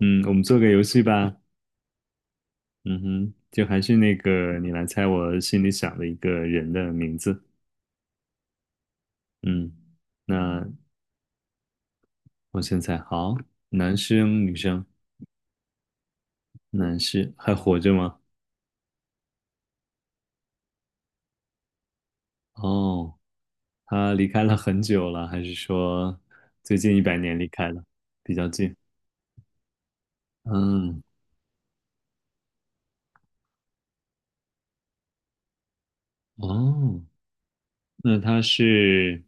嗯，我们做个游戏吧。嗯哼，就还是那个，你来猜我心里想的一个人的名字。嗯，那我先猜，好，男生女生，男士还活着吗？哦，他离开了很久了，还是说最近100年离开了，比较近？嗯，哦，那他是，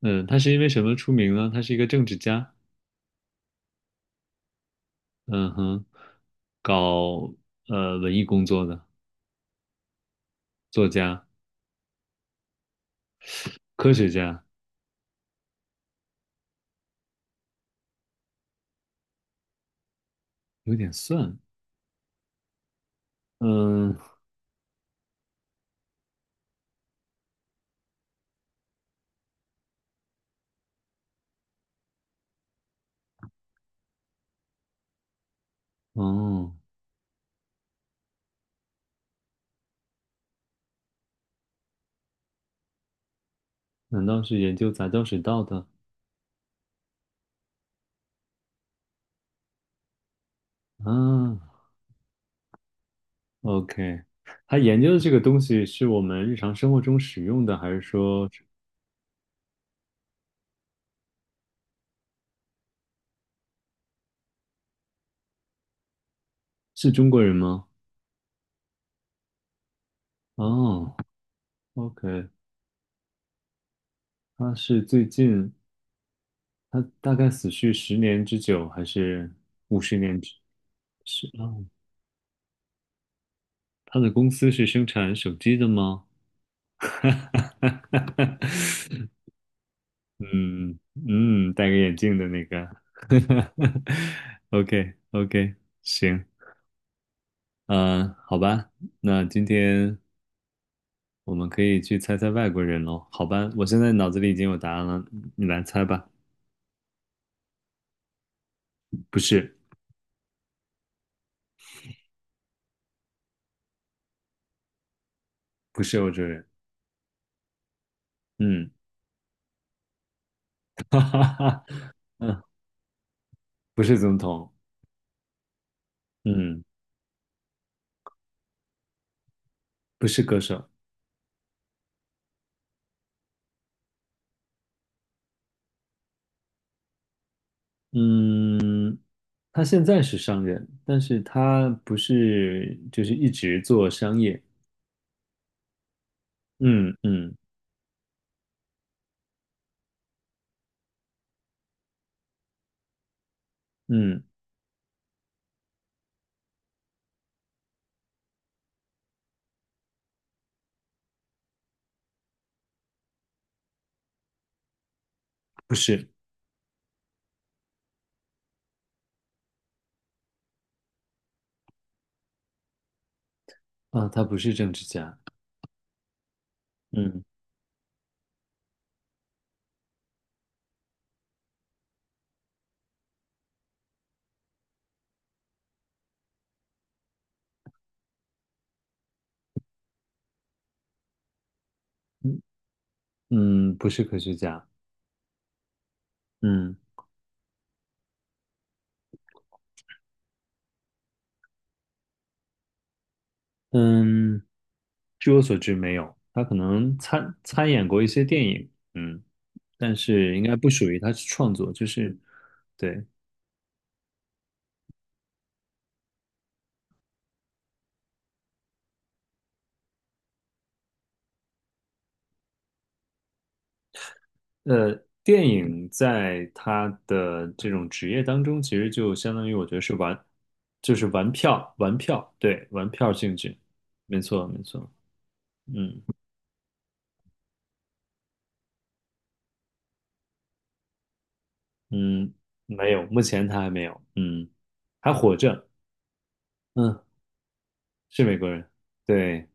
嗯，他是因为什么出名呢？他是一个政治家，嗯哼，搞文艺工作的作家、科学家。有点算，嗯，哦，难道是研究杂交水稻的啊？OK，他研究的这个东西是我们日常生活中使用的，还是说是中国人吗？哦，OK，他是最近，他大概死去十年之久，还是50年之？是哦，他的公司是生产手机的吗？哈哈哈哈哈嗯戴个眼镜的那个 ，OK OK，行，嗯、好吧，那今天我们可以去猜猜外国人喽，好吧，我现在脑子里已经有答案了，你来猜吧。不是，不是欧洲人，嗯，哈哈哈，嗯，不是总统，嗯，不是歌手，嗯，他现在是商人，但是他不是就是一直做商业，嗯嗯嗯，不是。啊，他不是政治家，嗯嗯不是科学家，嗯嗯，据我所知没有，他可能参演过一些电影，但是应该不属于他是创作，就是对，呃，电影在他的这种职业当中，其实就相当于我觉得是玩，就是玩票，玩票，对，玩票性质，没错没错，嗯嗯，没有，目前他还没有，还活着。嗯，是美国人，对，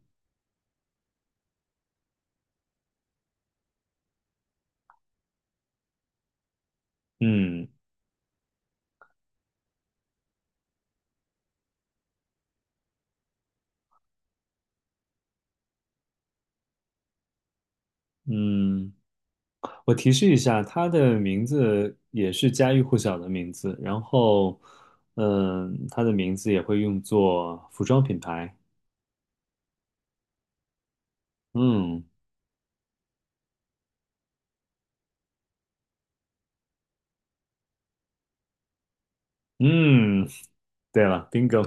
嗯嗯，我提示一下，他的名字也是家喻户晓的名字，然后，他的名字也会用作服装品牌，嗯嗯，对了，bingo，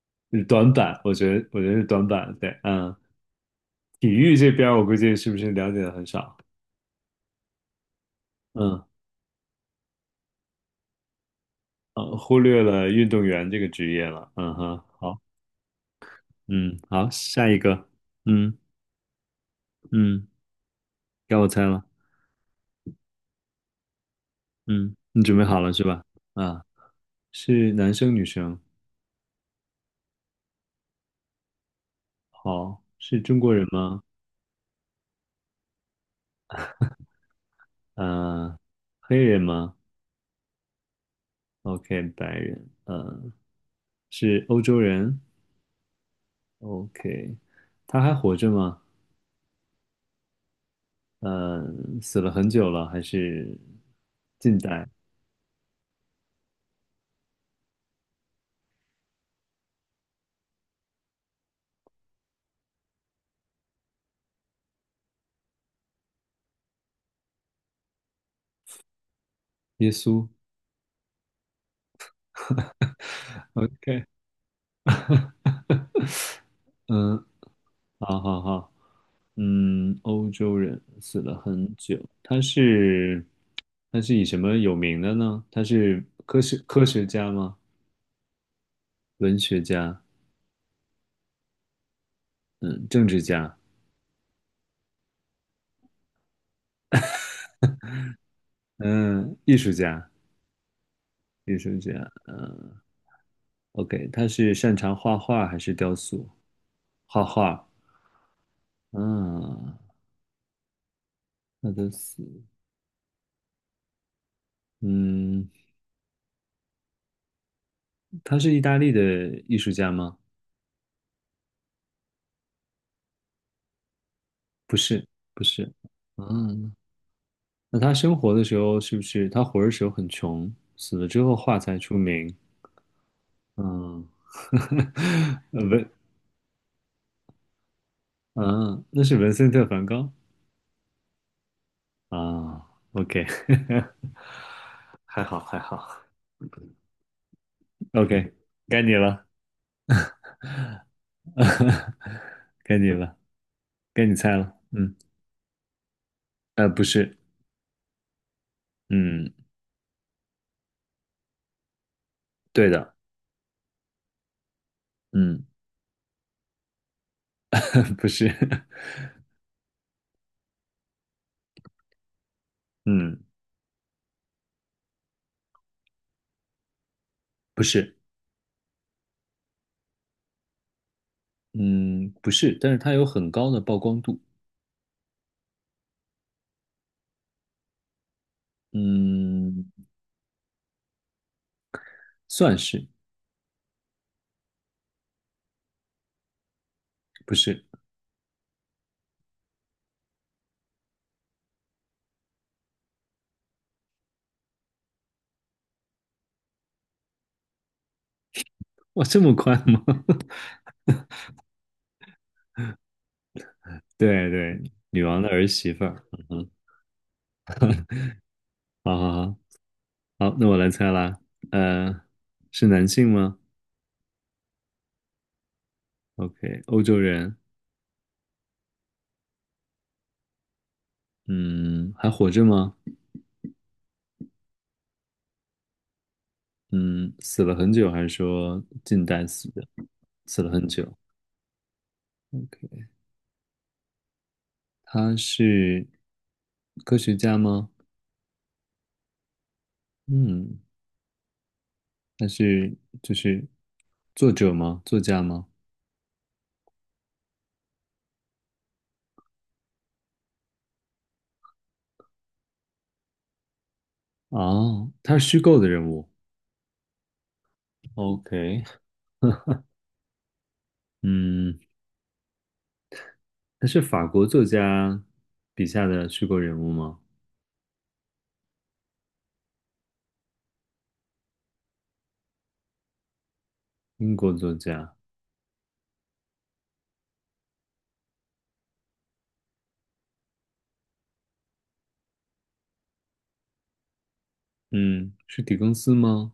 是短板，我觉得是短板，对，体育这边儿我估计是不是了解的很少，嗯忽略了运动员这个职业了，嗯哼，好，嗯好，下一个，嗯嗯，该我猜了。嗯，你准备好了是吧？啊，是男生女生？好，是中国人吗？呃，黑人吗？OK，白人。是欧洲人？OK，他还活着吗？呃，死了很久了，还是近代？耶稣？OK，嗯，好好好，欧洲人死了很久，他是以什么有名的呢？他是科学家吗？文学家，嗯，政治家，嗯，艺术家，艺术家，嗯，OK，他是擅长画画还是雕塑？画画，嗯，那都是，嗯，他是意大利的艺术家吗？不是，不是，嗯，那他生活的时候是不是他活着时候很穷，死了之后画才出名？嗯，文，嗯，那是文森特·梵高啊，OK，还好还好。OK，该你了，该你了，该你猜了。不是，嗯，对的，嗯，不是，嗯，不是，嗯，不是，但是它有很高的曝光度，嗯，算是，不是，哇，这么快吗？对对，女王的儿媳妇儿，嗯哼，好好好，好，那我来猜啦，呃，是男性吗？OK，欧洲人，嗯，还活着吗？嗯，死了很久，还是说近代死的？死了很久，他是科学家吗？嗯，他是就是作者吗？作家吗？哦，他是虚构的人物。OK，嗯，他是法国作家笔下的虚构人物吗？英国作家，嗯，是狄更斯吗？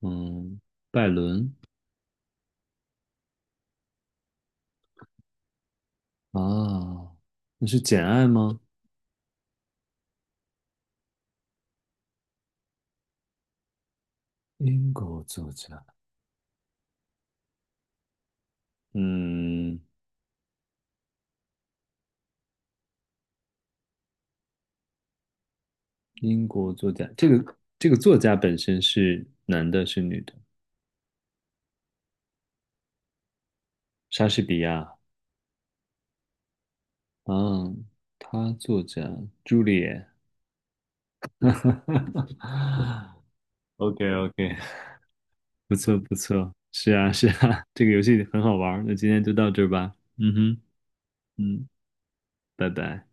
嗯，拜伦啊，那是《简爱》吗？英国作家，嗯。英国作家，这个作家本身是男的，是女的？莎士比亚啊，他作家朱丽叶。o k o k 不错不错，是啊是啊，这个游戏很好玩儿那今天就到这儿吧。嗯哼，嗯，拜拜。